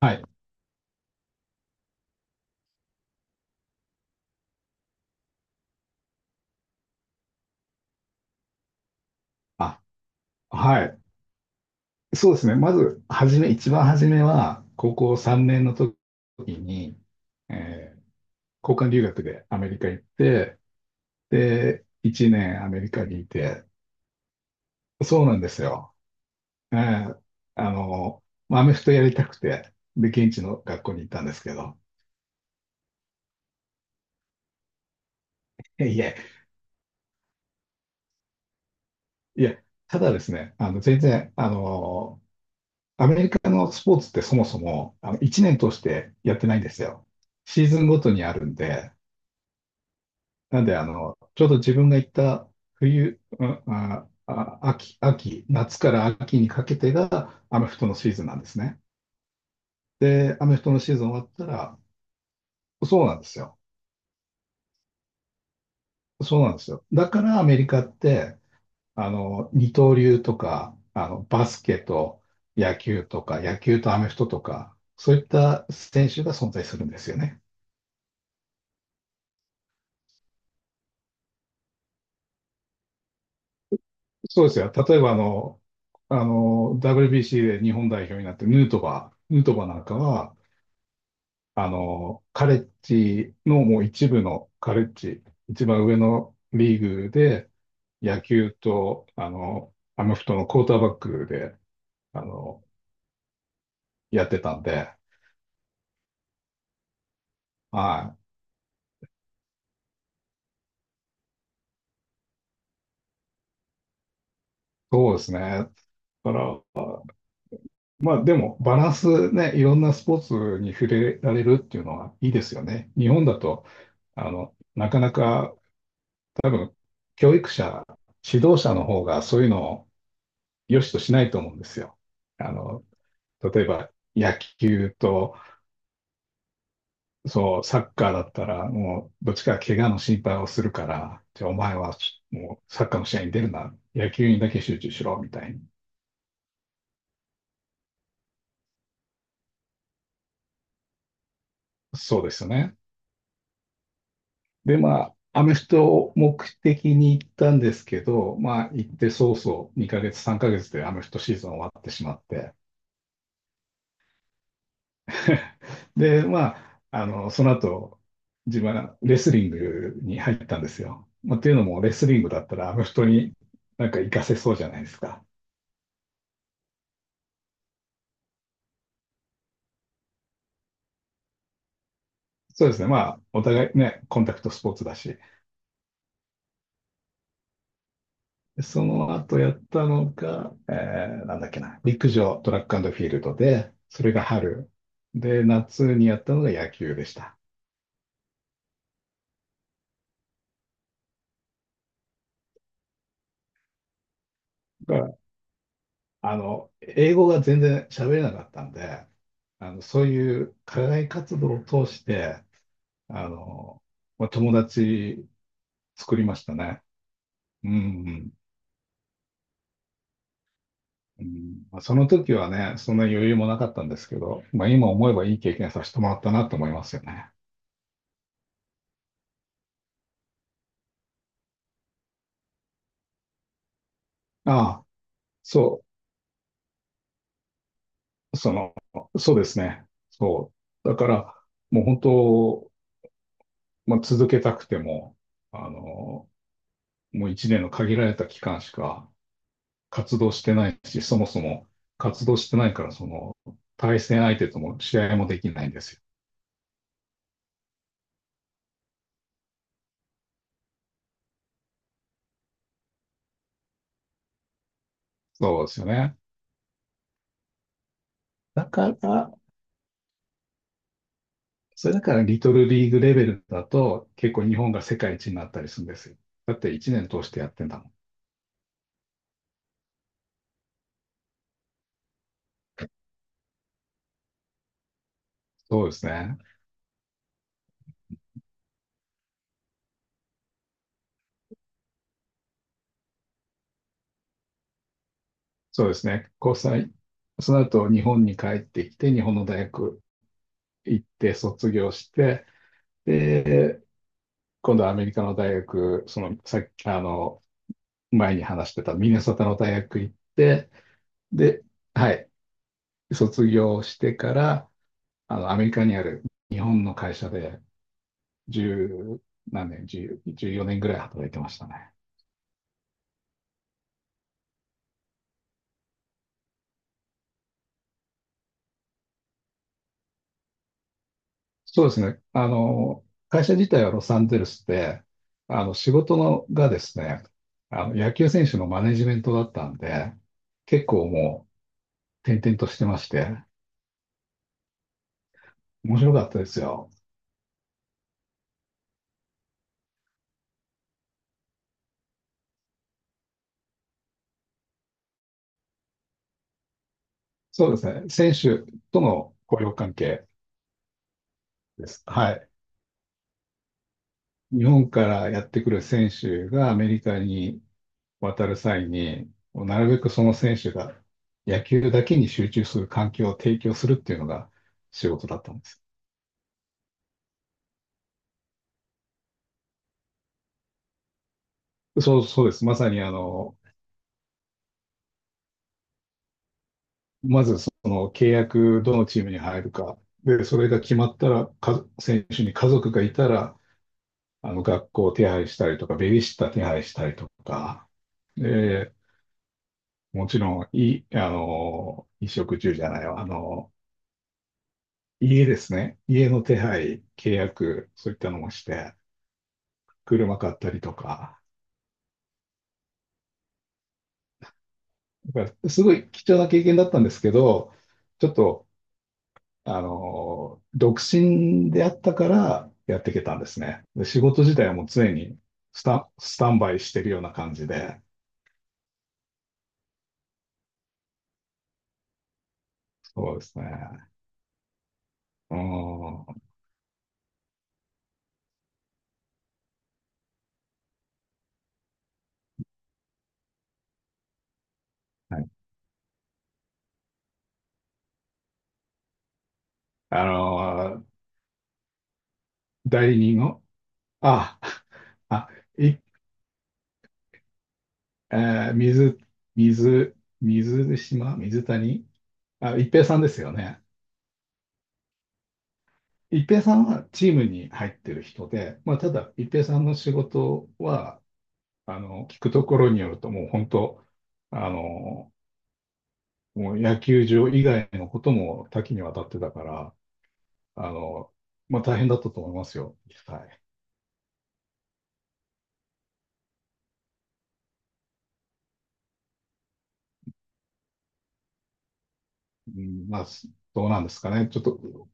はい。あ、はい。そうですね。まず、はじめ、一番初めは、高校3年の時に、えー交換留学でアメリカ行って、で、1年アメリカにいて、そうなんですよ。えーまあアメフトやりたくて、で、現地の学校に行ったんですけど、いやいや、いや、ただですね、全然、アメリカのスポーツってそもそも、1年通してやってないんですよ。シーズンごとにあるんで、なんで、ちょうど自分が行った冬、うんあ、あ、秋、秋、夏から秋にかけてがアメフトのシーズンなんですね。で、アメフトのシーズン終わったら、そうなんですよ。そうなんですよ。だからアメリカって、二刀流とか、バスケと野球とか、野球とアメフトとか、そういった選手が存在するんですよね。そうですよ。例えばWBC で日本代表になって、ヌートバーなんかは、カレッジのもう一部のカレッジ、一番上のリーグで、野球と、アメフトのクォーターバックで、あの、やってたんで、はい。そうですね。だから、まあでも、バランスね、いろんなスポーツに触れられるっていうのはいいですよね。日本だと、なかなか多分、教育者、指導者の方がそういうのを良しとしないと思うんですよ。あの、例えば野球と、そう、サッカーだったら、もう、どっちかが怪我の心配をするから、じゃあお前はもうサッカーの試合に出るな、野球にだけ集中しろ、みたいに。そうですよね。で、まあ、アメフトを目的に行ったんですけど、まあ、行って早々、2ヶ月、3ヶ月でアメフトシーズン終わってしまって、で、まあ、その後、自分はレスリングに入ったんですよ。まあ、っていうのも、レスリングだったら、あフ人になんか活かせそうじゃないですか。そうですね。まあ、お互いね、コンタクトスポーツだし。でその後やったのが、なんだっけな、陸上、トラックフィールドで、それが春。で、夏にやったのが野球でした。だから、英語が全然喋れなかったんで、そういう課外活動を通して、あの、まあ、友達作りましたね。うん。うんまあ、その時はね、そんな余裕もなかったんですけど、まあ、今思えばいい経験させてもらったなと思いますよね。ああ、そう、その、そうですね。そう。だから、もう本当、まあ、続けたくても、あの、もう一年の限られた期間しか活動してないし、そもそも活動してないから、その、対戦相手とも試合もできないんですよ。そうですよね。だから、それだからリトルリーグレベルだと結構日本が世界一になったりするんですよ。だって1年通してやってんだもん。そうですね。そうですね。交際。その後日本に帰ってきて、日本の大学行って卒業して、で、今度はアメリカの大学、そのさっき、前に話してたミネソタの大学行って、で、はい、卒業してから、アメリカにある日本の会社で1何年、10 14年ぐらい働いてましたね。そうですね。会社自体はロサンゼルスで、仕事のがですね、野球選手のマネジメントだったんで、結構もう、転々としてまして、面白かったですよ。そうですね。選手との雇用関係です。はい。日本からやってくる選手がアメリカに渡る際に、もうなるべくその選手が野球だけに集中する環境を提供するっていうのが仕事だったんです。そう、そうです。まさにまずその契約、どのチームに入るか。で、それが決まったら、選手に家族がいたら、学校を手配したりとか、ベビーシッター手配したりとか、で、もちろん、い、あの、衣食住じゃないわ、家ですね。家の手配、契約、そういったのもして、車買ったりとか。だから、すごい貴重な経験だったんですけど、ちょっと、独身であったからやっていけたんですね。で、仕事自体はもう常にスタンバイしてるような感じで。そうですね。うん。はい。あの、代理人を、あ、あ、い、えー水、水、水島、水谷、あ、一平さんですよね。一平さんはチームに入ってる人で、まあ、ただ、一平さんの仕事は、聞くところによると、もう本当、あの、もう野球場以外のことも多岐にわたってたから、あの、まあ大変だったと思いますよ。はい。うん、まあ、どうなんですかね。ちょっと、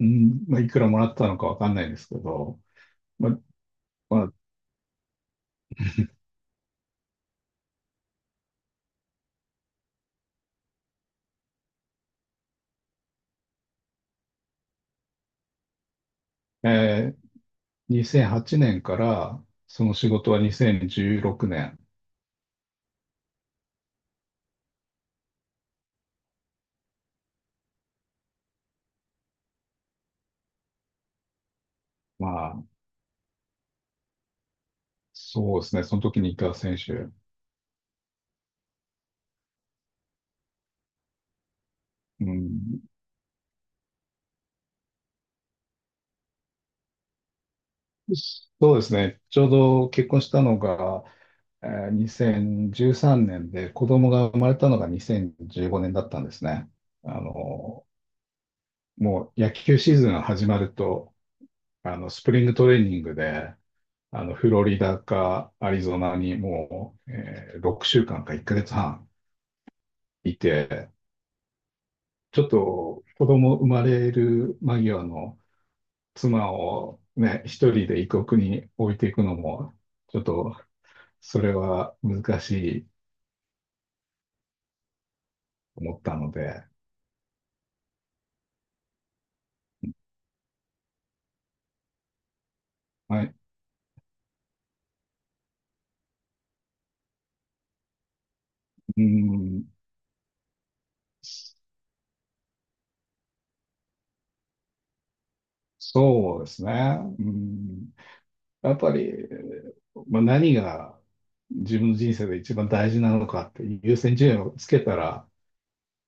うん、まあいくらもらったのかわかんないですけど、まあ、まあ、2008年から、その仕事は2016年。まあ、そうですね。その時にいた選手。うん、そうですね。ちょうど結婚したのが、えー2013年で子供が生まれたのが2015年だったんですね。あの、もう野球シーズンが始まると、スプリングトレーニングで、フロリダかアリゾナにもう、6週間か1ヶ月半いて、ちょっと子供生まれる間際の妻をね、一人で異国に置いていくのも、ちょっとそれは難しいと思ったので、はい、うんそうですね。うん、やっぱり、まあ、何が自分の人生で一番大事なのかって優先順位をつけたら、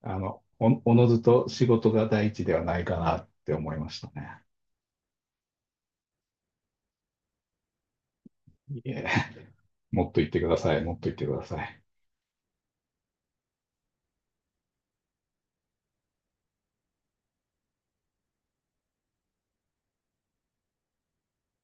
おのずと仕事が第一ではないかなって思いましたね。いえ、もっと言ってください。もっと言ってください。